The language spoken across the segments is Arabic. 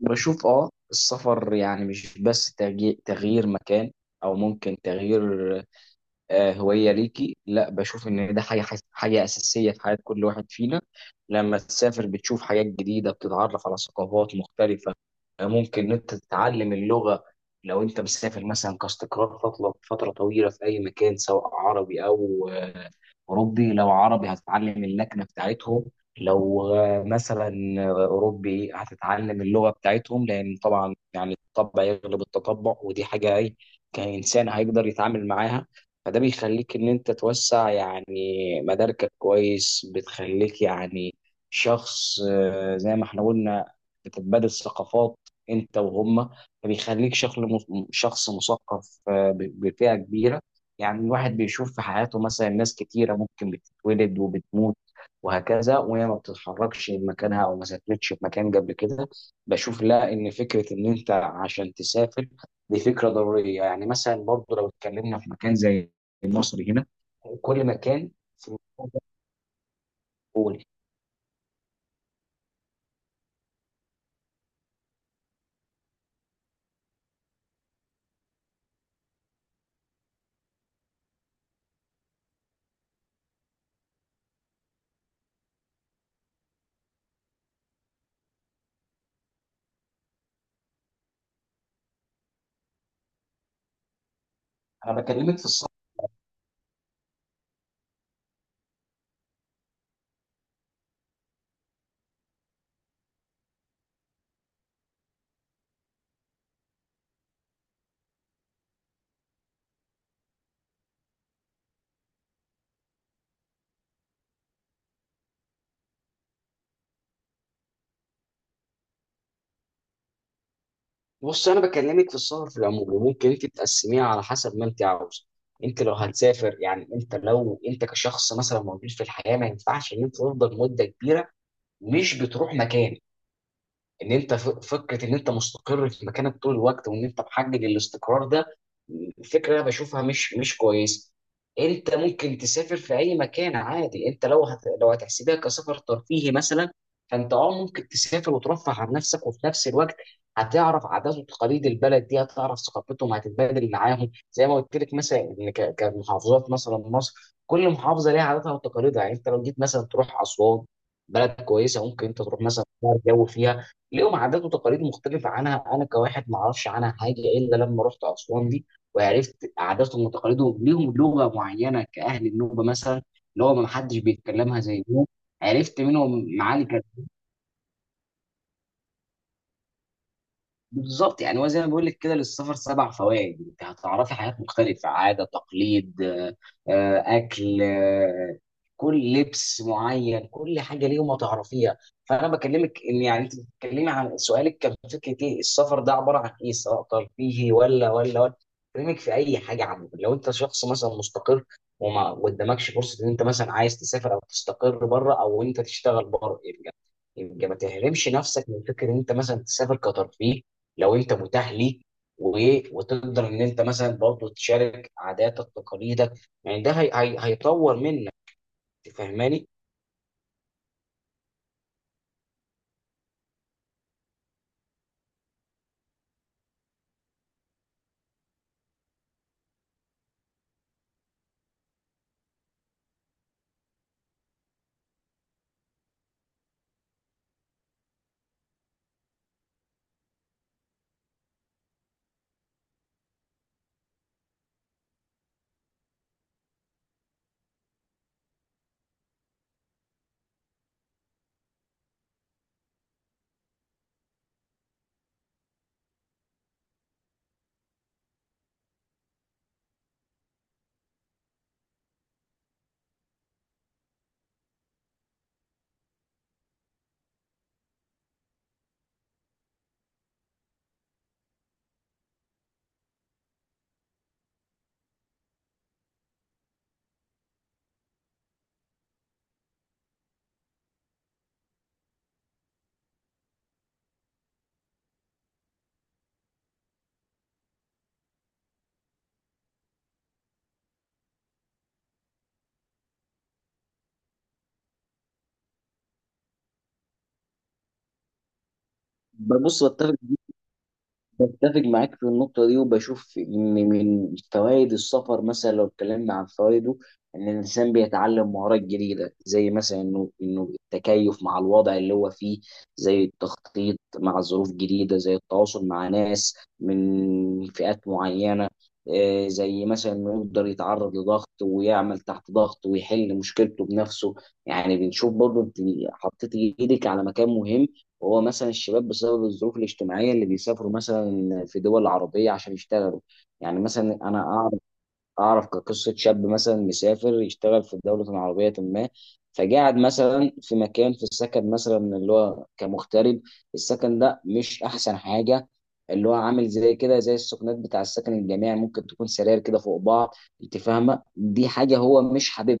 بشوف السفر يعني مش بس تغيير مكان او ممكن تغيير هوية ليكي. لا، بشوف ان ده حاجة اساسية في حياة كل واحد فينا. لما تسافر بتشوف حاجات جديدة، بتتعرف على ثقافات مختلفة. ممكن ان انت تتعلم اللغة. لو انت مسافر مثلا كاستقرار فترة طويلة في اي مكان سواء عربي او اوروبي، لو عربي هتتعلم اللكنه بتاعتهم، لو مثلا اوروبي هتتعلم اللغه بتاعتهم، لان طبعا يعني الطبع يغلب التطبع، ودي حاجه اي كانسان هيقدر يتعامل معاها. فده بيخليك ان انت توسع يعني مداركك كويس، بتخليك يعني شخص، زي ما احنا قلنا بتتبادل ثقافات انت وهم، فبيخليك شخص مثقف بفئه كبيره. يعني الواحد بيشوف في حياته مثلا ناس كتيرة ممكن بتتولد وبتموت وهكذا وهي ما بتتحركش من مكانها او ما سافرتش في مكان قبل كده. بشوف لا، ان فكرة ان انت عشان تسافر دي فكرة ضرورية، يعني مثلا برضو لو اتكلمنا في مكان زي مصر هنا كل مكان في. قول، انا بكلمك في الصعيد. بص انا بكلمك في السفر في العموم وممكن انت تقسميها على حسب ما انت عاوزه. انت لو هتسافر، يعني انت لو انت كشخص مثلا موجود في الحياه، ما ينفعش ان انت تفضل مده كبيره مش بتروح مكان، ان انت فكره ان انت مستقر في مكانك طول الوقت وان انت محجج الاستقرار ده، فكره انا بشوفها مش كويسه. انت ممكن تسافر في اي مكان عادي. انت لو لو هتحسبها كسفر ترفيهي مثلا، فانت اه ممكن تسافر وترفه عن نفسك، وفي نفس الوقت هتعرف عادات وتقاليد البلد دي، هتعرف ثقافتهم، هتتبادل معاهم زي ما قلت لك. مثلا ان كمحافظات مثلا مصر، كل محافظه ليها عاداتها وتقاليدها. يعني انت لو جيت مثلا تروح اسوان، بلد كويسه ممكن انت تروح مثلا تغير جو فيها، ليهم عادات وتقاليد مختلفة عنها، أنا كواحد ما أعرفش عنها حاجة إلا لما رحت أسوان دي وعرفت عاداتهم وتقاليدهم. ليهم لغة معينة كأهل النوبة مثلا، اللي هو ما حدش بيتكلمها زي النوبة. عرفت منهم معالي. بالظبط، يعني هو زي ما بقول لك كده، للسفر سبع فوائد. انت هتعرفي حاجات مختلفه، عاده، تقليد، اكل، كل لبس معين، كل حاجه ليهم هتعرفيها. فانا بكلمك ان يعني انت بتتكلمي عن سؤالك كان فكره ايه السفر ده عباره عن ايه، سواء ترفيهي ولا. بكلمك في اي حاجه عامه. لو انت شخص مثلا مستقر وما قدامكش فرصه ان انت مثلا عايز تسافر او تستقر بره او انت تشتغل بره، يبقى يبقى ما تحرمش نفسك من فكره ان انت مثلا تسافر كترفيه لو انت متاح ليك، وتقدر ان انت مثلا برضه تشارك عاداتك تقاليدك. يعني ده هيطور منك، فاهماني؟ بص، بتفق معاك في النقطة دي، وبشوف إن من فوائد السفر مثلا لو اتكلمنا عن فوائده، إن الإنسان بيتعلم مهارات جديدة، زي مثلا إنه التكيف مع الوضع اللي هو فيه، زي التخطيط مع ظروف جديدة، زي التواصل مع ناس من فئات معينة، زي مثلا إنه يقدر يتعرض لضغط ويعمل تحت ضغط ويحل مشكلته بنفسه. يعني بنشوف برضه إنت حطيت إيدك على مكان مهم، وهو مثلا الشباب بسبب الظروف الاجتماعية اللي بيسافروا مثلا في دول عربية عشان يشتغلوا. يعني مثلا أنا أعرف كقصة شاب مثلا مسافر يشتغل في دولة عربية ما، فقاعد مثلا في مكان في السكن مثلا اللي هو كمغترب. السكن ده مش أحسن حاجة، اللي هو عامل زي كده زي السكنات بتاع السكن الجامعي، ممكن تكون سراير كده فوق بعض. انت فاهمه، دي حاجه هو مش حاببها،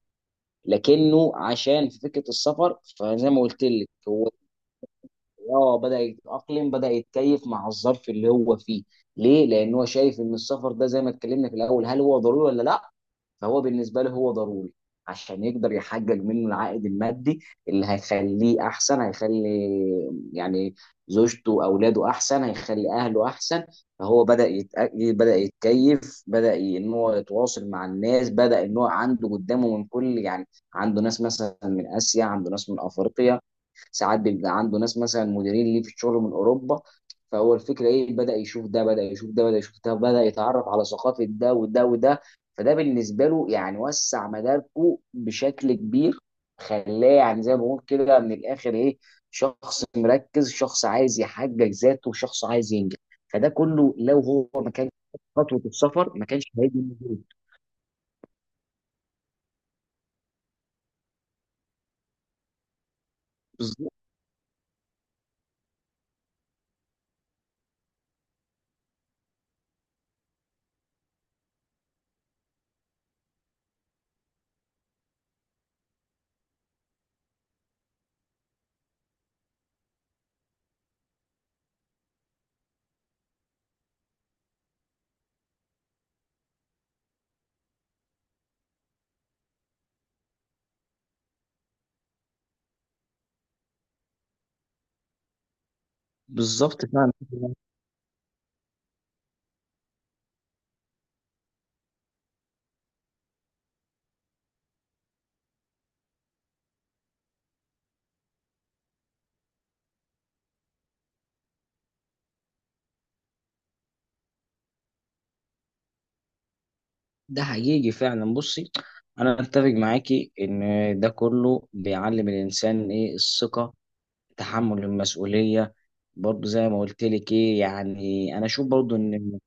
لكنه عشان في فكره السفر فزي ما قلت لك هو اه بدأ يتأقلم، بدأ يتكيف مع الظرف اللي هو فيه. ليه؟ لأن هو شايف إن السفر ده زي ما اتكلمنا في الأول، هل هو ضروري ولا لأ؟ فهو بالنسبه له هو ضروري عشان يقدر يحقق منه العائد المادي اللي هيخليه احسن، هيخلي يعني زوجته اولاده احسن، هيخلي اهله احسن. فهو بدا يتكيف، بدا ان هو يتواصل مع الناس، بدا ان هو عنده قدامه من كل يعني، عنده ناس مثلا من اسيا، عنده ناس من افريقيا، ساعات بيبقى عنده ناس مثلا مديرين ليه في الشغل من اوروبا. فهو الفكره ايه، بدا يشوف ده بدا يشوف ده بدا يشوف ده، بدا يتعرف على ثقافه ده وده وده. فده بالنسبه له يعني وسع مداركه بشكل كبير، خلاه يعني زي ما بقول كده من الاخر ايه، شخص مركز، شخص عايز يحقق ذاته، شخص عايز ينجح. فده كله لو هو ما كانش خد خطوه السفر ما كانش هيجي موجود. بالظ- بالظبط فعلا. ده حقيقي فعلا. بصي، انا اتفق معاكي ان ده كله بيعلم الانسان ايه، الثقه، تحمل المسؤوليه. برضه زي ما قلت لك ايه يعني، انا اشوف برضه ان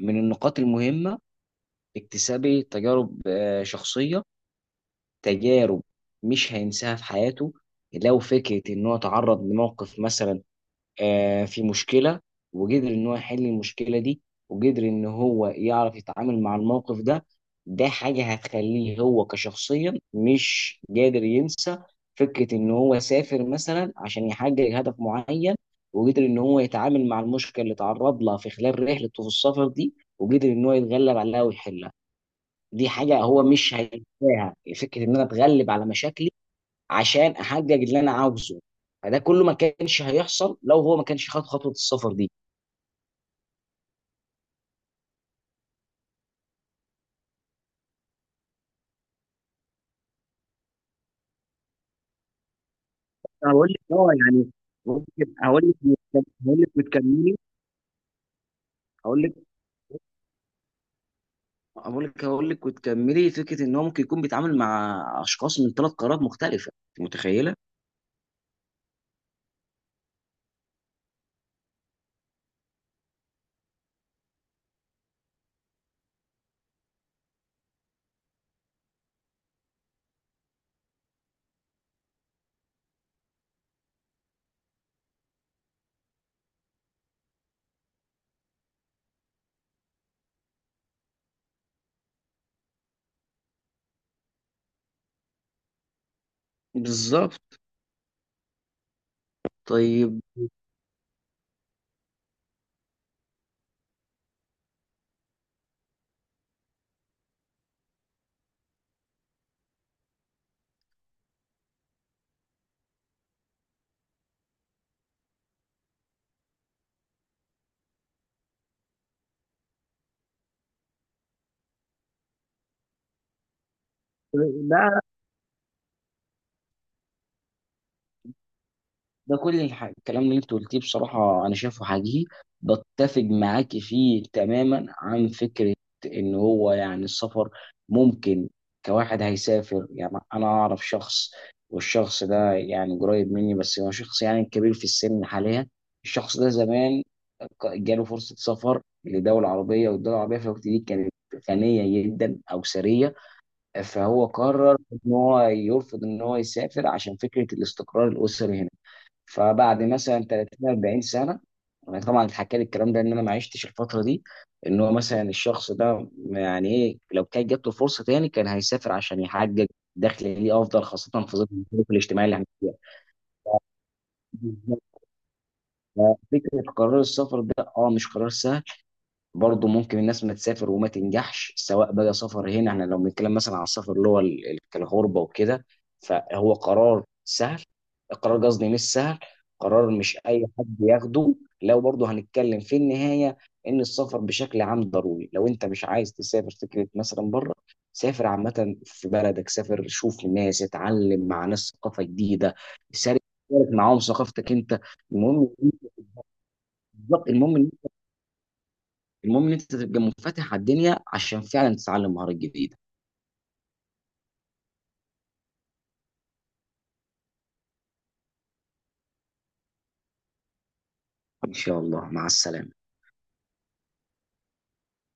من النقاط المهمة اكتسابي تجارب شخصية، تجارب مش هينساها في حياته. لو فكرة إن هو تعرض لموقف مثلا، في مشكلة، وقدر إن هو يحل المشكلة دي، وقدر إن هو يعرف يتعامل مع الموقف ده، ده حاجة هتخليه هو كشخصيا مش قادر ينسى فكرة إن هو سافر مثلا عشان يحقق هدف معين، وقدر إن هو يتعامل مع المشكلة اللي تعرض لها في خلال رحلته في السفر دي، وقدر إن هو يتغلب عليها ويحلها. دي حاجة هو مش هينساها، فكرة إن أنا أتغلب على مشاكلي عشان احقق اللي انا عاوزه. فده كله ما كانش هيحصل لو هو ما كانش خد خطوه السفر دي. أنا هقول لك اه يعني، ممكن هقول لك وتكملي. هقول لك هقول لك وتكملي، فكره ان هو ممكن يكون بيتعامل مع اشخاص من ثلاث قارات مختلفه، أنت متخيله؟ بالظبط. طيب، ده كل الكلام اللي انت قلتيه بصراحة أنا شايفه حقيقي، بتفق معاك فيه تماما عن فكرة إن هو يعني السفر ممكن، كواحد هيسافر. يعني أنا أعرف شخص، والشخص ده يعني قريب مني، بس هو شخص يعني كبير في السن حاليا. الشخص ده زمان جاله فرصة سفر لدولة عربية، والدولة العربية في الوقت دي كانت غنية جدا أو ثرية، فهو قرر إن هو يرفض إن هو يسافر عشان فكرة الاستقرار الأسري هنا. فبعد مثلا 30 40 سنه، انا طبعا اتحكى لي الكلام ده ان انا ما عشتش الفتره دي، ان هو مثلا الشخص ده يعني ايه لو كانت جات له فرصه تاني كان هيسافر عشان يحقق دخل ليه افضل، خاصه في ظل الظروف الاجتماعيه اللي احنا فيها. بالظبط. ففكره قرار السفر ده اه مش قرار سهل، برضه ممكن الناس ما تسافر وما تنجحش سواء بقى سفر. هنا احنا لو بنتكلم مثلا عن السفر اللي هو كالغربة وكده، فهو قرار سهل، قرار قصدي مش سهل، قرار مش اي حد ياخده. لو برضه هنتكلم في النهاية ان السفر بشكل عام ضروري. لو انت مش عايز تسافر فكرة مثلا بره، سافر عامة في بلدك، سافر شوف الناس، اتعلم مع ناس ثقافة جديدة، شارك، شارك معاهم ثقافتك انت. المهم، بالظبط المهم، المهم ان انت تبقى منفتح على الدنيا عشان فعلا تتعلم مهارات جديده. ان شاء الله، مع السلامه.